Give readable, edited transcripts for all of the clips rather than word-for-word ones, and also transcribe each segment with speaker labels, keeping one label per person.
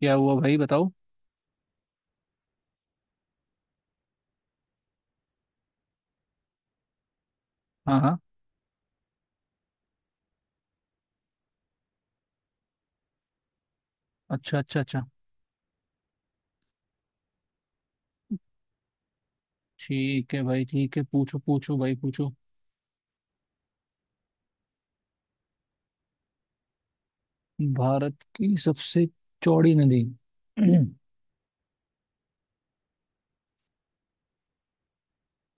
Speaker 1: क्या हुआ भाई? बताओ। हाँ, हाँ। अच्छा, अच्छा, अच्छा। ठीक है भाई, ठीक है। पूछो, पूछो भाई, पूछो। भारत की सबसे चौड़ी नदी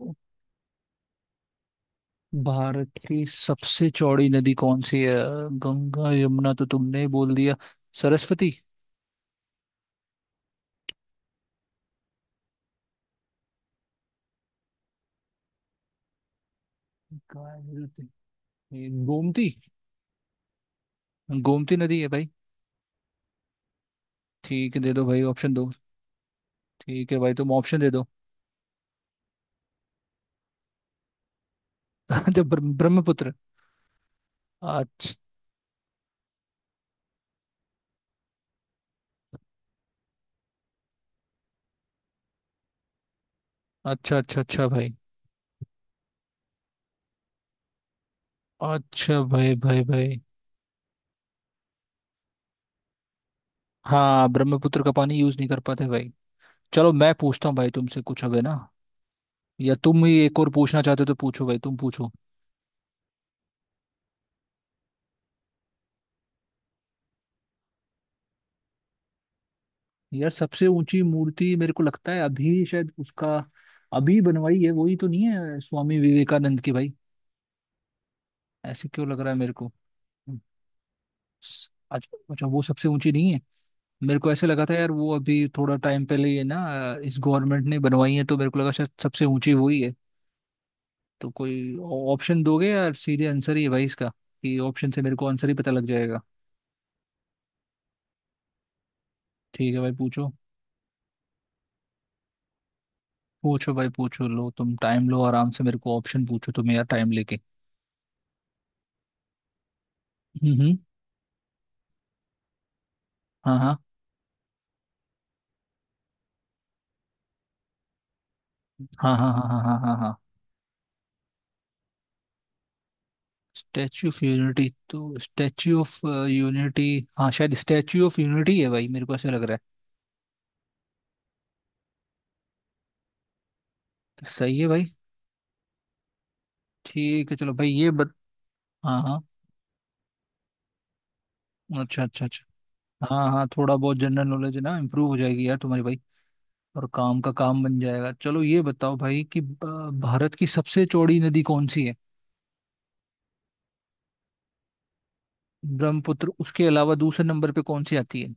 Speaker 1: भारत की सबसे चौड़ी नदी कौन सी है? गंगा यमुना तो तुमने ही बोल दिया। सरस्वती। गायत्री। ये गोमती गोमती नदी है भाई। ठीक है, दे दो भाई, ऑप्शन दो। ठीक है भाई, तुम ऑप्शन दे दो। अच्छा, ब्रह्मपुत्र। अच्छा, अच्छा, अच्छा, अच्छा भाई। अच्छा भाई, भाई, भाई। हाँ, ब्रह्मपुत्र का पानी यूज नहीं कर पाते भाई। चलो मैं पूछता हूँ भाई तुमसे कुछ अब, है ना? या तुम ही एक और पूछना चाहते हो तो पूछो भाई, तुम पूछो। यार सबसे ऊंची मूर्ति, मेरे को लगता है अभी शायद उसका अभी बनवाई है, वही तो नहीं है स्वामी विवेकानंद की भाई? ऐसे क्यों लग रहा है मेरे को? अच्छा, अच्छा, वो सबसे ऊंची नहीं है। मेरे को ऐसे लगा था यार, वो अभी थोड़ा टाइम पहले ये ना, इस गवर्नमेंट ने बनवाई है, तो मेरे को लगा शायद सबसे ऊंची वही है। तो कोई ऑप्शन दोगे यार? सीधे आंसर ही है भाई इसका, कि ऑप्शन से मेरे को आंसर ही पता लग जाएगा। ठीक है भाई, पूछो। पूछो भाई, पूछो। लो तुम टाइम लो आराम से, मेरे को ऑप्शन पूछो तुम यार, टाइम लेके। हम्म, हम्म। हाँ, हाँ, हाँ, हाँ, हाँ, हाँ, हाँ, हाँ, हाँ। स्टैच्यू ऑफ यूनिटी तो स्टैच्यू ऑफ यूनिटी। हाँ, शायद स्टैच्यू ऑफ यूनिटी है भाई, मेरे को ऐसा लग रहा है। तो सही है भाई। ठीक है, चलो भाई ये बत हाँ, हाँ। अच्छा, अच्छा, अच्छा। हाँ, हाँ, थोड़ा बहुत जनरल नॉलेज है ना, इम्प्रूव हो जाएगी यार तुम्हारी भाई। और काम का काम बन जाएगा। चलो ये बताओ भाई कि भारत की सबसे चौड़ी नदी कौन सी है? ब्रह्मपुत्र उसके अलावा दूसरे नंबर पे कौन सी आती है?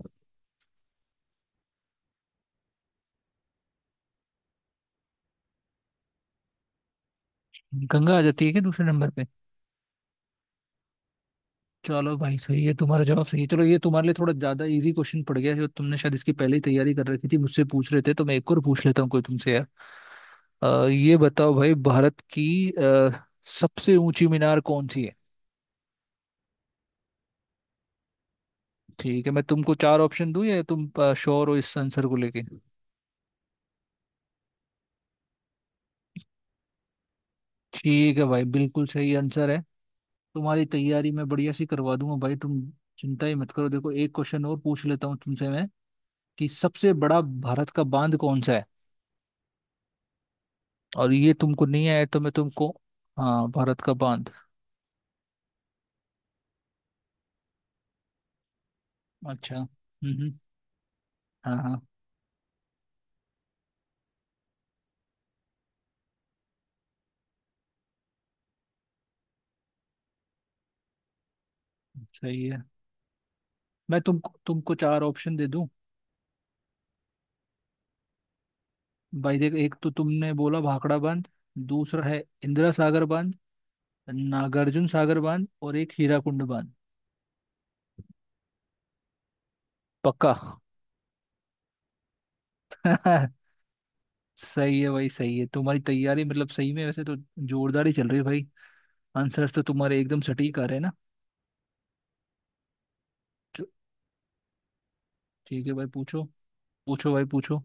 Speaker 1: गंगा आ जाती है क्या दूसरे नंबर पे? चलो भाई, सही है, तुम्हारा जवाब सही है। चलो ये तुम्हारे लिए थोड़ा ज्यादा इजी क्वेश्चन पड़ गया है, जो तुमने शायद इसकी पहले ही तैयारी कर रखी थी मुझसे पूछ रहे थे, तो मैं एक और पूछ लेता हूँ कोई तुमसे यार। ये बताओ भाई भारत की सबसे ऊंची मीनार कौन सी है? ठीक है, मैं तुमको चार ऑप्शन दूं या तुम श्योर हो इस आंसर को लेके? ठीक है भाई, बिल्कुल सही आंसर है। तुम्हारी तैयारी मैं बढ़िया सी करवा दूंगा भाई, तुम चिंता ही मत करो। देखो, एक क्वेश्चन और पूछ लेता हूँ तुमसे मैं, कि सबसे बड़ा भारत का बांध कौन सा है। और ये तुमको नहीं आया तो मैं तुमको। हाँ, भारत का बांध। अच्छा, हम्म, हम्म। हाँ, हाँ, सही है। मैं तुमको तुमको चार ऑप्शन दे दूं? भाई देख, एक तो तुमने बोला भाखड़ा बांध। दूसरा है इंदिरा सागर बांध। नागार्जुन सागर बांध, और एक हीराकुंड बांध। पक्का? सही है भाई, सही है। तुम्हारी तैयारी मतलब सही में वैसे तो जोरदार ही चल रही है भाई। आंसर्स तो तुम्हारे एकदम सटीक आ रहे हैं ना? चो- ठीक है भाई, पूछो। पूछो भाई, पूछो।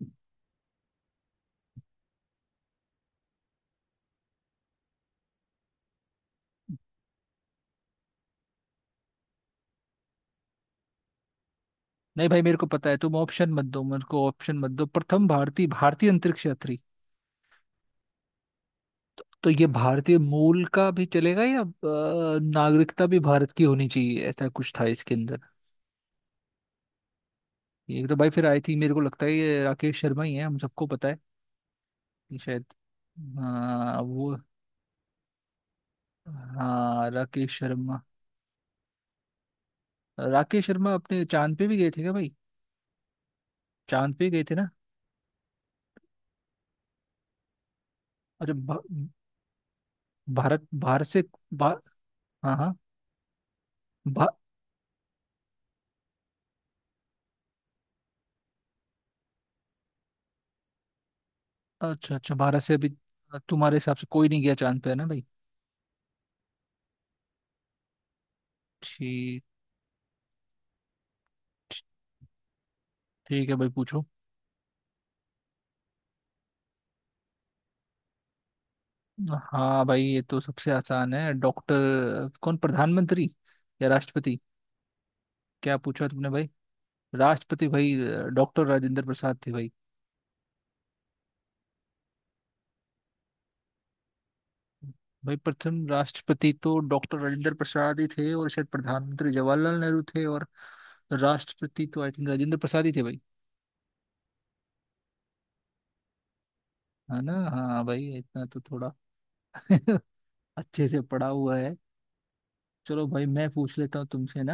Speaker 1: नहीं भाई, मेरे को पता है, तुम ऑप्शन मत दो, मेरे को ऑप्शन मत दो। प्रथम भारतीय भारतीय अंतरिक्ष यात्री। तो ये भारतीय मूल का भी चलेगा या नागरिकता भी भारत की होनी चाहिए, ऐसा कुछ था इसके अंदर? ये तो भाई फिर आई थी, मेरे को लगता है ये राकेश शर्मा ही है, हम सबको पता है। ये शायद। हाँ वो। हाँ, राकेश शर्मा। राकेश शर्मा अपने चांद पे भी गए थे क्या भाई? चांद पे गए थे ना? अच्छा भारत भारत से भा, हाँ, हाँ। भा, अच्छा, अच्छा, भारत से अभी तुम्हारे हिसाब से कोई नहीं गया चांद पे, है ना भाई? ठीक। ठीक है भाई, पूछो। हाँ भाई, ये तो सबसे आसान है। डॉक्टर, कौन, प्रधानमंत्री या राष्ट्रपति? क्या पूछा तुमने भाई? राष्ट्रपति भाई। डॉक्टर राजेंद्र प्रसाद थे भाई। भाई प्रथम राष्ट्रपति तो डॉक्टर राजेंद्र प्रसाद ही थे, और शायद प्रधानमंत्री जवाहरलाल नेहरू थे, और राष्ट्रपति तो आई थिंक राजेंद्र प्रसाद ही थे भाई। है ना? हाँ भाई, इतना तो थोड़ा अच्छे से पढ़ा हुआ है। चलो भाई, मैं पूछ लेता हूँ तुमसे ना।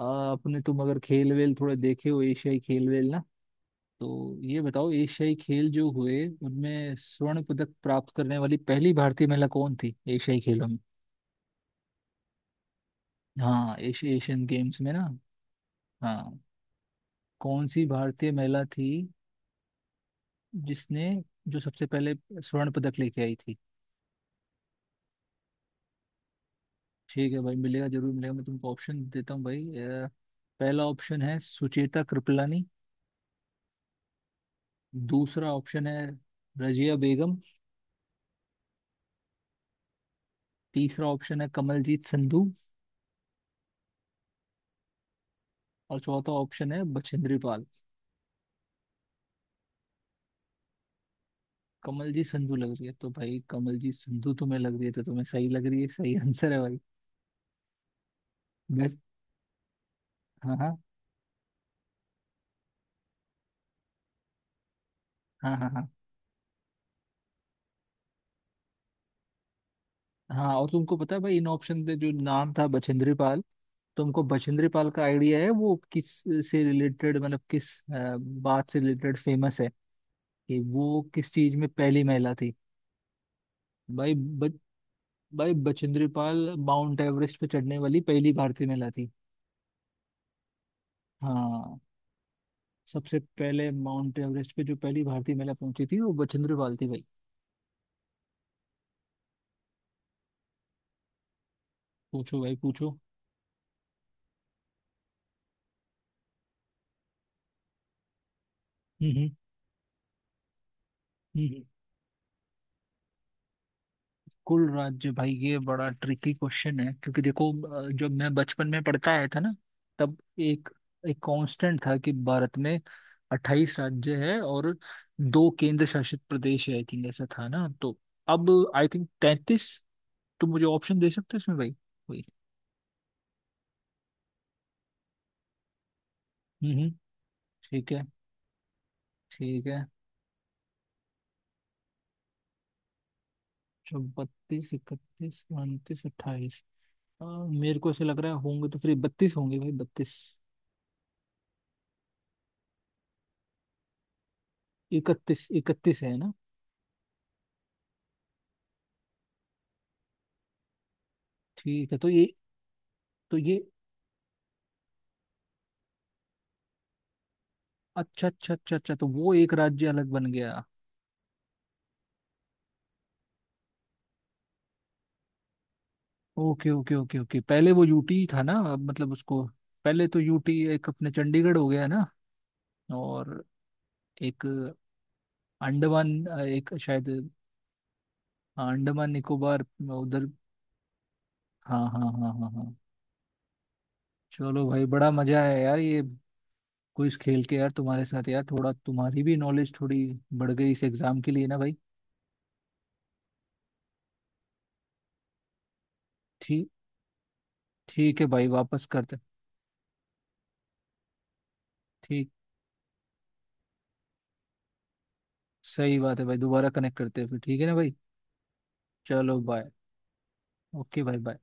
Speaker 1: अपने तुम अगर खेल वेल थोड़े देखे हो, एशियाई खेल वेल ना, तो ये बताओ एशियाई खेल जो हुए उनमें स्वर्ण पदक प्राप्त करने वाली पहली भारतीय महिला कौन थी एशियाई खेलों में? हाँ, एशिया एशियन गेम्स में ना। हाँ। कौन सी भारतीय महिला थी जिसने, जो सबसे पहले स्वर्ण पदक लेके आई थी? ठीक है भाई, मिलेगा, जरूर मिलेगा, मैं तुमको ऑप्शन देता हूँ भाई। पहला ऑप्शन है सुचेता कृपलानी। दूसरा ऑप्शन है रजिया बेगम। तीसरा ऑप्शन है कमलजीत संधू। और चौथा ऑप्शन है बछेंद्री पाल। कमलजीत संधू लग रही है तो भाई, कमलजीत संधू तुम्हें लग रही है तो तुम्हें सही लग रही है, सही आंसर है भाई। बेस्ट। हाँ, हाँ, हाँ, हाँ, हाँ, हाँ। और तुमको पता है भाई, इन ऑप्शन पे जो नाम था बचेंद्री पाल, तुमको बचेंद्री पाल का आइडिया है वो किस से रिलेटेड, मतलब किस बात से रिलेटेड फेमस है, कि वो किस चीज में पहली महिला थी? भाई ब, भाई, बचेंद्री पाल माउंट एवरेस्ट पे चढ़ने वाली पहली भारतीय महिला थी। हाँ। सबसे पहले माउंट एवरेस्ट पे जो पहली भारतीय महिला पहुंची थी वो बचेंद्री पाल थी भाई। पूछो भाई, पूछो। हम्म, हम्म। कुल राज्य भाई, ये बड़ा ट्रिकी क्वेश्चन है, क्योंकि देखो जब मैं बचपन में पढ़ता आया था ना, तब एक एक कांस्टेंट था कि भारत में अट्ठाईस राज्य है और दो केंद्र शासित प्रदेश है, आई थिंक ऐसा था ना। तो अब आई थिंक तैतीस। तो मुझे ऑप्शन दे सकते हो इसमें भाई, वही। हम्म, ठीक है। ठीक है। तो बत्तीस, इकतीस, उनतीस, अट्ठाईस, मेरे को ऐसे लग रहा है होंगे तो फिर बत्तीस होंगे भाई, बत्तीस। इकतीस, इकतीस है ना? ठीक है। तो ये, तो ये अच्छा, अच्छा, अच्छा, अच्छा, तो वो एक राज्य अलग बन गया। ओके, ओके, ओके, ओके, पहले वो यूटी था ना, अब मतलब उसको, पहले तो यूटी एक अपने चंडीगढ़ हो गया ना, और एक अंडमान, एक शायद, हाँ, अंडमान निकोबार उधर। हाँ, हाँ, हाँ, हाँ, हाँ। चलो भाई, बड़ा मजा है यार ये क्विज खेल के यार तुम्हारे साथ यार, थोड़ा तुम्हारी भी नॉलेज थोड़ी बढ़ गई इस एग्जाम के लिए ना भाई। ठीक। ठीक है भाई, वापस करते। ठीक। सही बात है भाई, दोबारा कनेक्ट करते हैं फिर, ठीक है ना भाई? चलो, बाय। ओके भाई, बाय।